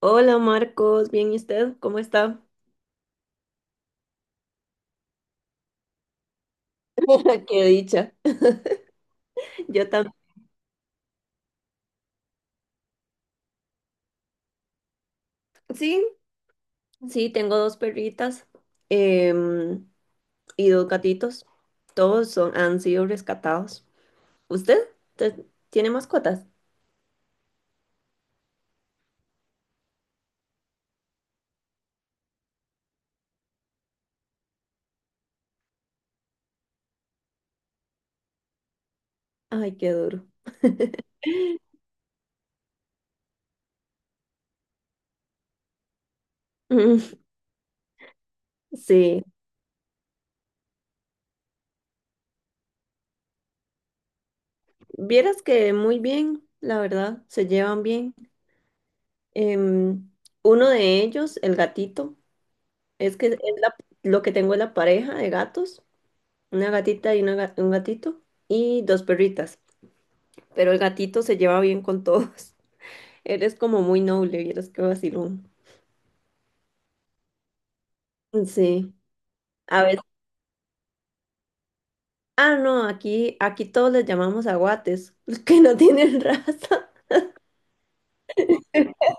Hola Marcos, bien, ¿y usted? ¿Cómo está? Qué dicha. Yo también. Sí, sí, tengo dos perritas em, y dos gatitos. Todos han sido rescatados. ¿Usted? ¿Te- ¿Tiene mascotas? Ay, qué duro. Mm. Sí, vieras que muy bien, la verdad, se llevan bien. Em, uno de ellos, el gatito, es que es la- lo que tengo es la pareja de gatos. Una gatita y un gatito y dos perritas. Pero el gatito se lleva bien con todos. Eres como muy noble, vieras qué vacilón. Sí, a ver. Ah, no, aquí todos les llamamos aguates, que no tienen raza.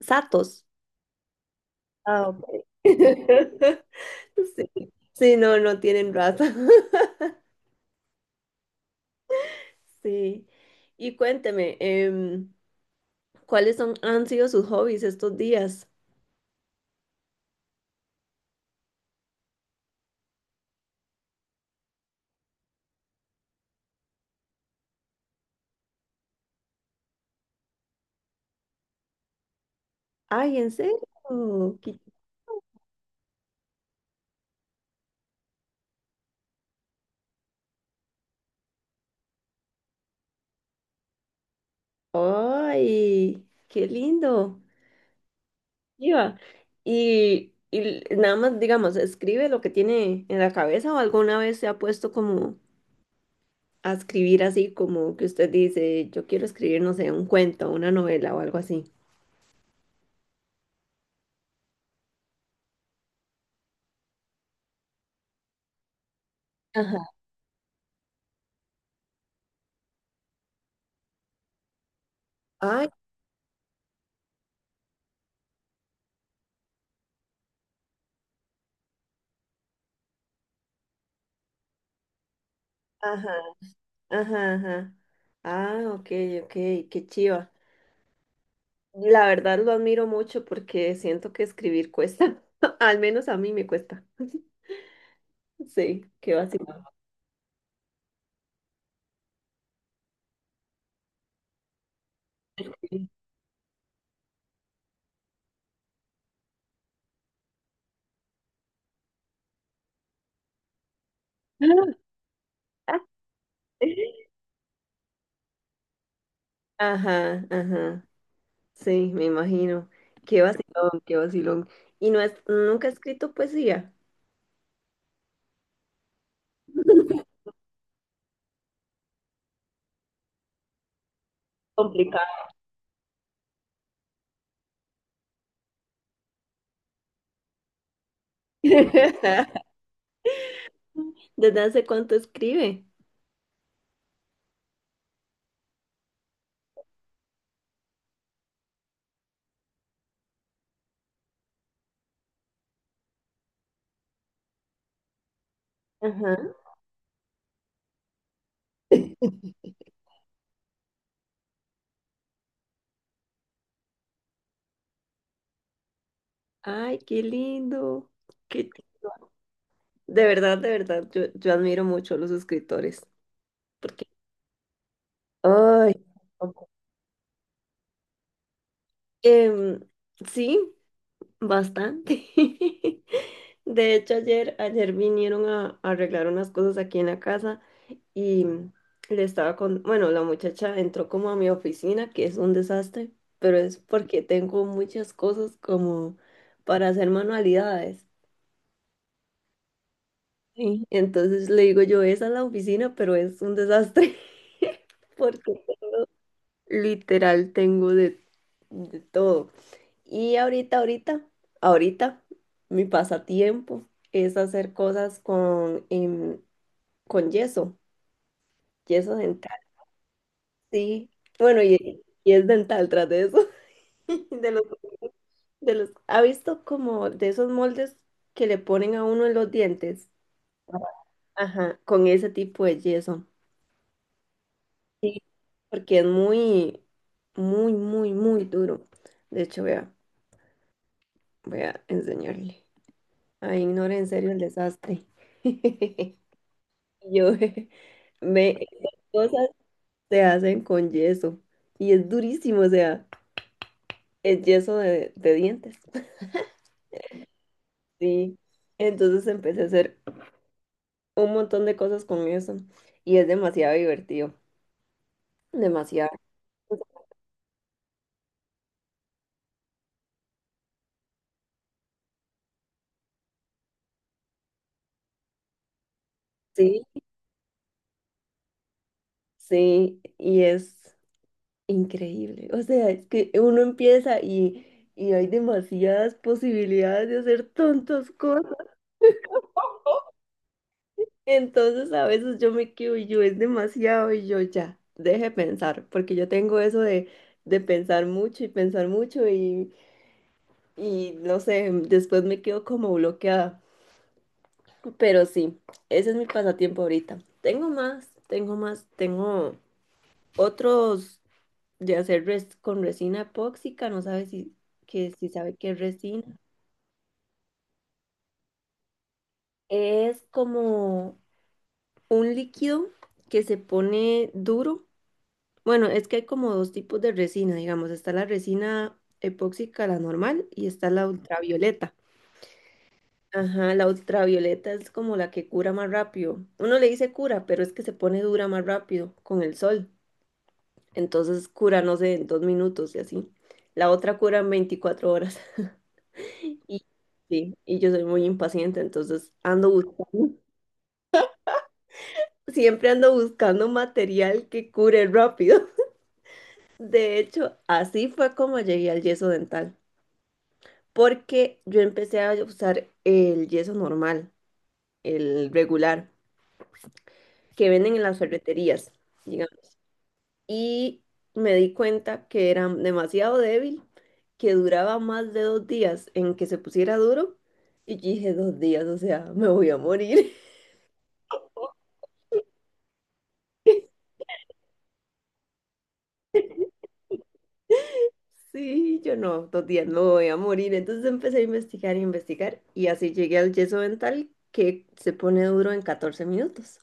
Satos. Ah, ok. Sí, sí, no, no tienen raza. Sí. Y cuénteme, ¿cuáles han sido sus hobbies estos días? Ay, ¿en serio? Qué ¡Ay! ¡Qué lindo! Iba. Y nada más, digamos, escribe lo que tiene en la cabeza o alguna vez se ha puesto como a escribir así, como que usted dice, yo quiero escribir, no sé, un cuento, una novela o algo así. Ajá. Ay, ajá, ajá, ajá. Ah, ok, ok, qué chiva. La verdad lo admiro mucho porque siento que escribir cuesta. Al menos a mí me cuesta. Sí, qué vacilón. Ajá, ajá. Sí, me imagino. Qué vacilón, qué vacilón. ¿Y nunca ha escrito poesía? Complicado. ¿Desde hace cuánto escribe? Ajá. Ay, qué lindo. Qué- de verdad, yo admiro mucho a los escritores. Porque, ay, em, sí, bastante. De hecho, ayer vinieron a arreglar unas cosas aquí en la casa. Y le estaba con, bueno, la muchacha entró como a mi oficina, que es un desastre, pero es porque tengo muchas cosas como para hacer manualidades. Sí. Entonces le digo yo, esa es la oficina, pero es un desastre porque literal tengo de todo. Y ahorita, mi pasatiempo es hacer cosas con yeso, yeso dental, sí. Bueno, y es dental tras de eso. De los, ¿ha visto como de esos moldes que le ponen a uno en los dientes? Ajá, con ese tipo de yeso, porque es muy, muy, muy, muy duro. De hecho, voy a enseñarle. Ay, ignore en serio el desastre. Y esas cosas se hacen con yeso y es durísimo, o sea, es yeso de dientes. Sí, entonces empecé a hacer un montón de cosas con eso y es demasiado divertido, demasiado. Sí, sí, y es increíble. O sea, es que uno empieza y hay demasiadas posibilidades de hacer tantas cosas. Entonces a veces yo me quedo y yo es demasiado y yo ya, deje pensar, porque yo tengo eso de pensar mucho y pensar mucho y no sé, después me quedo como bloqueada. Pero sí, ese es mi pasatiempo ahorita. Tengo más, tengo otros de hacer res con resina epóxica, no sabe si, que, si sabe qué es resina. Es como un líquido que se pone duro. Bueno, es que hay como dos tipos de resina, digamos. Está la resina epóxica, la normal, y está la ultravioleta. Ajá, la ultravioleta es como la que cura más rápido. Uno le dice cura, pero es que se pone dura más rápido con el sol. Entonces cura, no sé, en 2 minutos y así. La otra cura en 24 horas. Y, sí, y yo soy muy impaciente, entonces ando buscando, siempre ando buscando material que cure rápido. De hecho, así fue como llegué al yeso dental, porque yo empecé a usar el yeso normal, el regular, que venden en las ferreterías. Y me di cuenta que era demasiado débil, que duraba más de 2 días en que se pusiera duro y yo dije 2 días, o sea, me voy a morir. Sí, yo no, 2 días no voy a morir. Entonces empecé a investigar y investigar y así llegué al yeso dental que se pone duro en 14 minutos.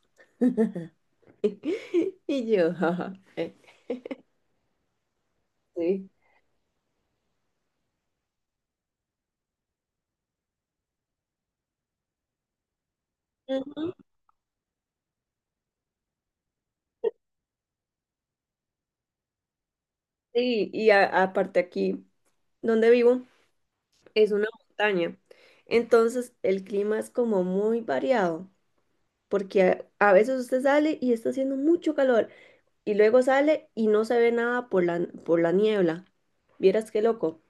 Y yo, jaja, sí. Ujú. Sí, y aparte aquí donde vivo es una montaña. Entonces el clima es como muy variado, porque a veces usted sale y está haciendo mucho calor y luego sale y no se ve nada por la niebla. Vieras qué loco.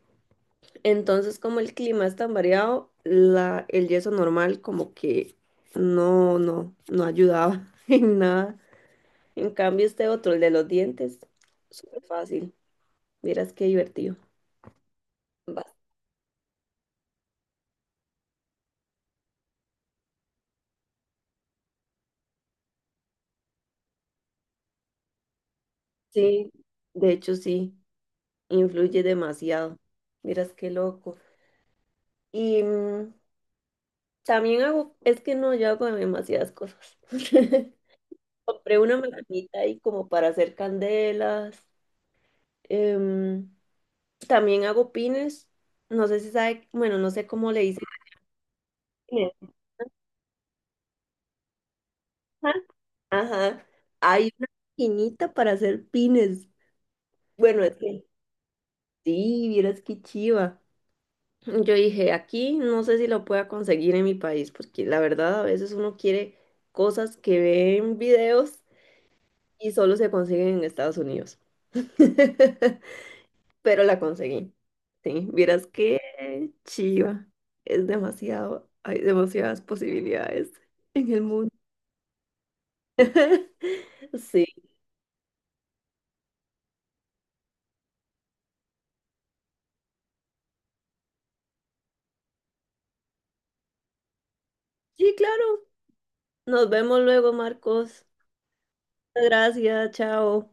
Entonces, como el clima es tan variado, el yeso normal como que no ayudaba en nada. En cambio, este otro, el de los dientes, súper fácil. Vieras qué divertido. Va- Sí, de hecho sí, influye demasiado. Miras qué loco. Y es que no, yo hago demasiadas cosas. Compré una maquinita ahí como para hacer candelas. em, también hago pines. No sé si sabe, bueno, no sé cómo le dicen. Pines. Ajá. Ajá. Hay una maquinita para hacer pines. Bueno, es que sí, vieras qué chiva. Yo dije, aquí no sé si lo pueda conseguir en mi país, porque la verdad a veces uno quiere cosas que ve en videos y solo se consiguen en Estados Unidos. Pero la conseguí. Sí, vieras qué chiva. Es demasiado, hay demasiadas posibilidades en el mundo. Sí, sí, claro. Nos vemos luego, Marcos. Gracias, chao.